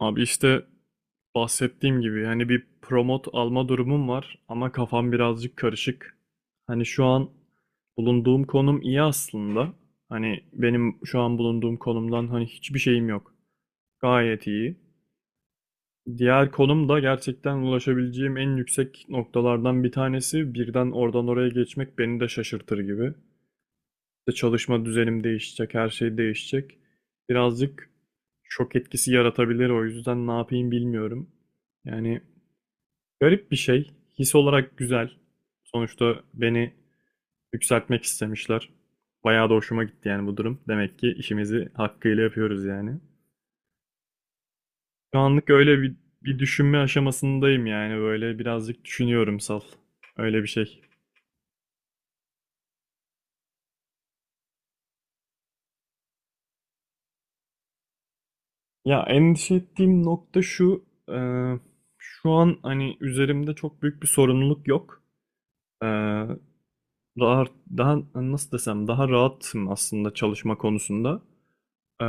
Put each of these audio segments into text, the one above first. Abi işte bahsettiğim gibi yani bir promote alma durumum var ama kafam birazcık karışık. Hani şu an bulunduğum konum iyi aslında. Hani benim şu an bulunduğum konumdan hani hiçbir şeyim yok. Gayet iyi. Diğer konum da gerçekten ulaşabileceğim en yüksek noktalardan bir tanesi. Birden oradan oraya geçmek beni de şaşırtır gibi. İşte çalışma düzenim değişecek, her şey değişecek. Birazcık şok etkisi yaratabilir, o yüzden ne yapayım bilmiyorum. Yani garip bir şey. His olarak güzel. Sonuçta beni yükseltmek istemişler. Bayağı da hoşuma gitti yani bu durum. Demek ki işimizi hakkıyla yapıyoruz yani. Şu anlık öyle bir düşünme aşamasındayım yani böyle birazcık düşünüyorum sal. Öyle bir şey. Ya endişe ettiğim nokta şu, şu an hani üzerimde çok büyük bir sorumluluk yok. E, daha, daha nasıl desem, daha rahatım aslında çalışma konusunda. E,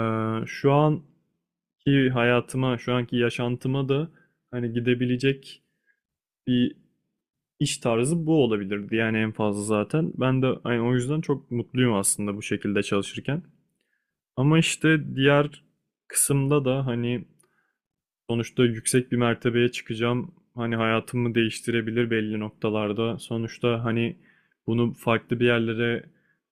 Şu anki hayatıma, şu anki yaşantıma da hani gidebilecek bir iş tarzı bu olabilirdi. Yani en fazla zaten. Ben de hani o yüzden çok mutluyum aslında bu şekilde çalışırken. Ama işte diğer kısımda da hani sonuçta yüksek bir mertebeye çıkacağım. Hani hayatımı değiştirebilir belli noktalarda. Sonuçta hani bunu farklı bir yerlere,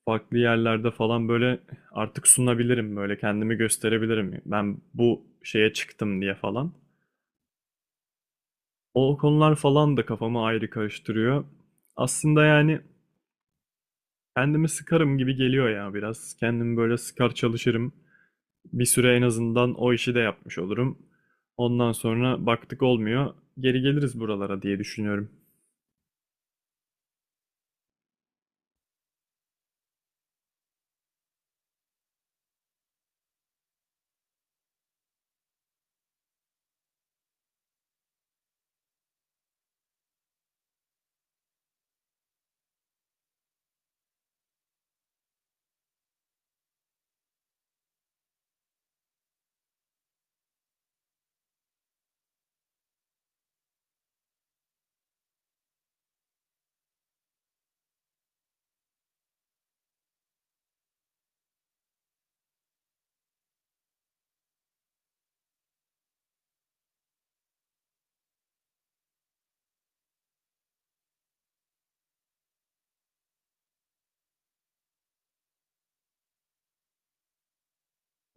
farklı yerlerde falan böyle artık sunabilirim, böyle kendimi gösterebilirim. Ben bu şeye çıktım diye falan. O konular falan da kafamı ayrı karıştırıyor. Aslında yani kendimi sıkarım gibi geliyor ya biraz. Kendimi böyle sıkar çalışırım. Bir süre en azından o işi de yapmış olurum. Ondan sonra baktık olmuyor, geri geliriz buralara diye düşünüyorum.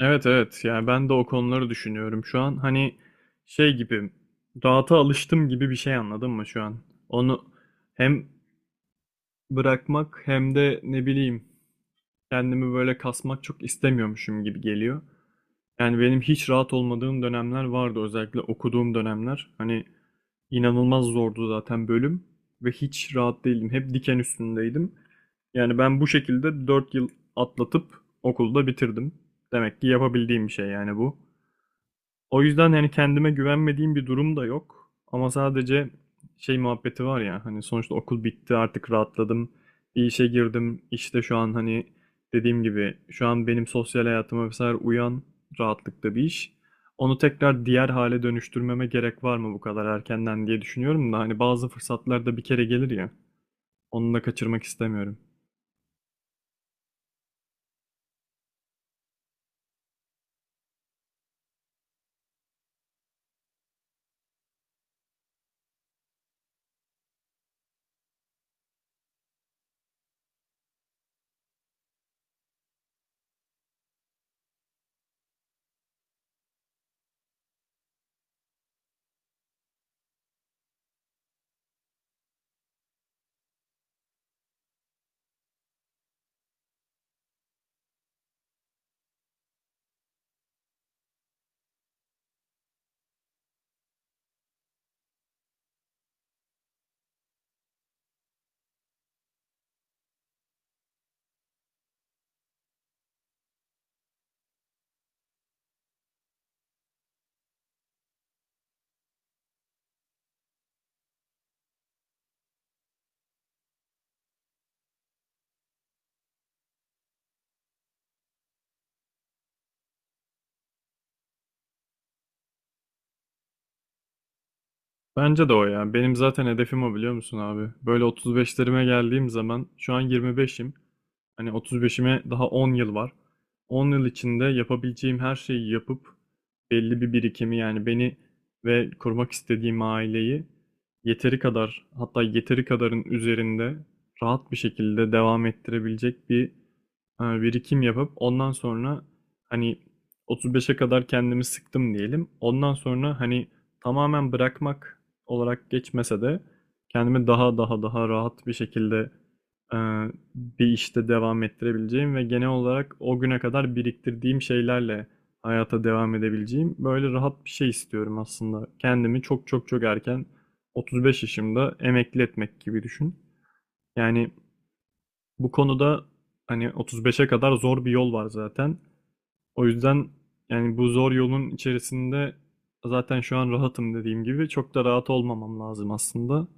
Evet, evet, yani ben de o konuları düşünüyorum şu an. Hani şey gibi, rahata alıştım gibi bir şey, anladın mı şu an? Onu hem bırakmak hem de ne bileyim kendimi böyle kasmak çok istemiyormuşum gibi geliyor. Yani benim hiç rahat olmadığım dönemler vardı. Özellikle okuduğum dönemler. Hani inanılmaz zordu zaten bölüm ve hiç rahat değildim. Hep diken üstündeydim. Yani ben bu şekilde 4 yıl atlatıp okulda bitirdim. Demek ki yapabildiğim bir şey yani bu. O yüzden yani kendime güvenmediğim bir durum da yok. Ama sadece şey muhabbeti var ya, hani sonuçta okul bitti, artık rahatladım. Bir işe girdim. İşte şu an hani dediğim gibi şu an benim sosyal hayatıma vesaire uyan rahatlıkta bir iş. Onu tekrar diğer hale dönüştürmeme gerek var mı bu kadar erkenden diye düşünüyorum da hani bazı fırsatlar da bir kere gelir ya. Onu da kaçırmak istemiyorum. Bence de o ya. Benim zaten hedefim o, biliyor musun abi? Böyle 35'lerime geldiğim zaman, şu an 25'im. Hani 35'ime daha 10 yıl var. 10 yıl içinde yapabileceğim her şeyi yapıp belli bir birikimi yani beni ve kurmak istediğim aileyi yeteri kadar, hatta yeteri kadarın üzerinde rahat bir şekilde devam ettirebilecek bir birikim yapıp ondan sonra hani 35'e kadar kendimi sıktım diyelim. Ondan sonra hani tamamen bırakmak olarak geçmese de kendimi daha daha rahat bir şekilde e, bir işte devam ettirebileceğim ve genel olarak o güne kadar biriktirdiğim şeylerle hayata devam edebileceğim, böyle rahat bir şey istiyorum aslında. Kendimi çok, çok, çok erken, 35 yaşımda emekli etmek gibi düşün. Yani bu konuda hani 35'e kadar zor bir yol var zaten. O yüzden yani bu zor yolun içerisinde, zaten şu an rahatım dediğim gibi, çok da rahat olmamam lazım aslında.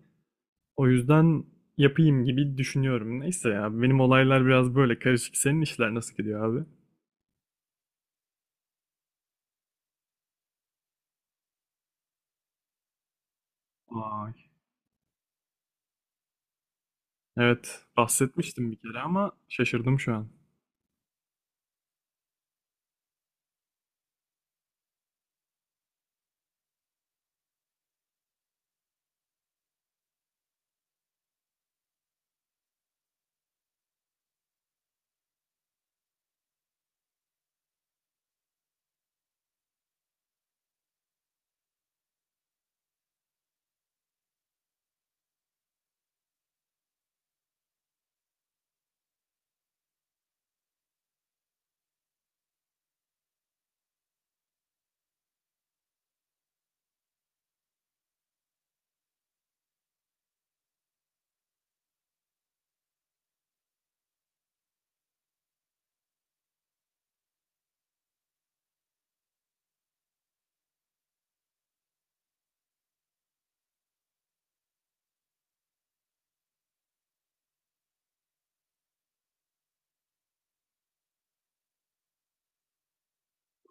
O yüzden yapayım gibi düşünüyorum. Neyse ya, benim olaylar biraz böyle karışık. Senin işler nasıl gidiyor abi? Ay. Evet, bahsetmiştim bir kere ama şaşırdım şu an.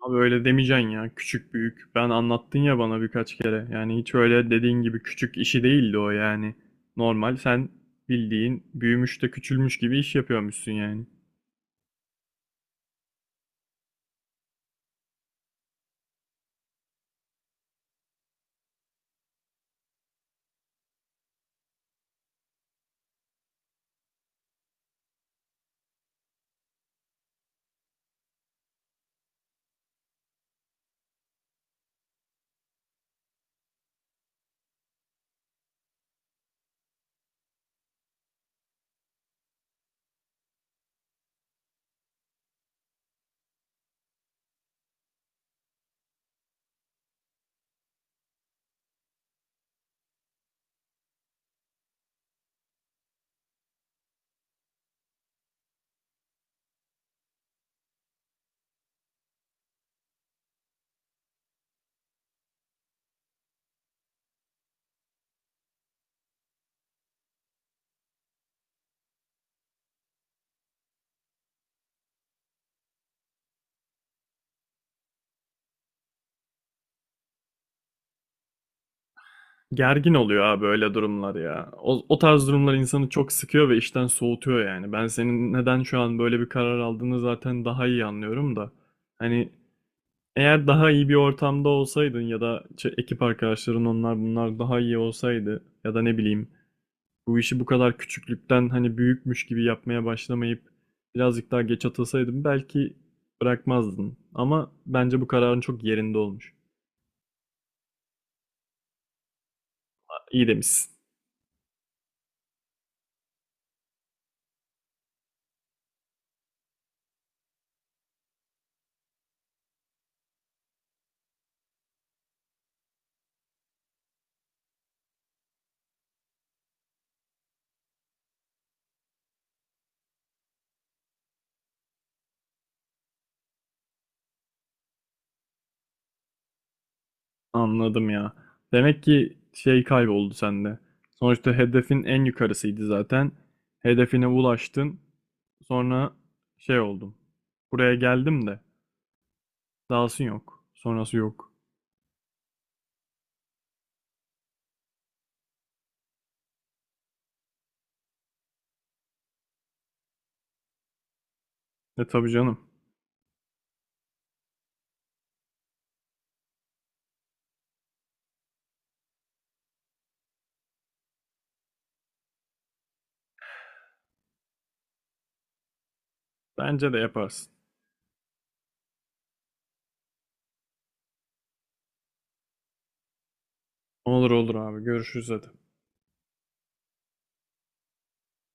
Abi öyle demeyeceksin ya, küçük büyük. Ben anlattın ya bana birkaç kere. Yani hiç öyle dediğin gibi küçük işi değildi o yani. Normal sen bildiğin büyümüş de küçülmüş gibi iş yapıyormuşsun yani. Gergin oluyor abi öyle durumlar ya. O tarz durumlar insanı çok sıkıyor ve işten soğutuyor yani. Ben senin neden şu an böyle bir karar aldığını zaten daha iyi anlıyorum da. Hani eğer daha iyi bir ortamda olsaydın ya da ekip arkadaşların, onlar bunlar daha iyi olsaydı, ya da ne bileyim bu işi bu kadar küçüklükten hani büyükmüş gibi yapmaya başlamayıp birazcık daha geç atılsaydın belki bırakmazdın. Ama bence bu kararın çok yerinde olmuş. İyi demişsin. Anladım ya. Demek ki şey kayboldu sende. Sonuçta hedefin en yukarısıydı zaten. Hedefine ulaştın. Sonra şey oldum. Buraya geldim de dahası yok. Sonrası yok. E tabii canım. Bence de yaparsın. Olur, olur abi. Görüşürüz hadi.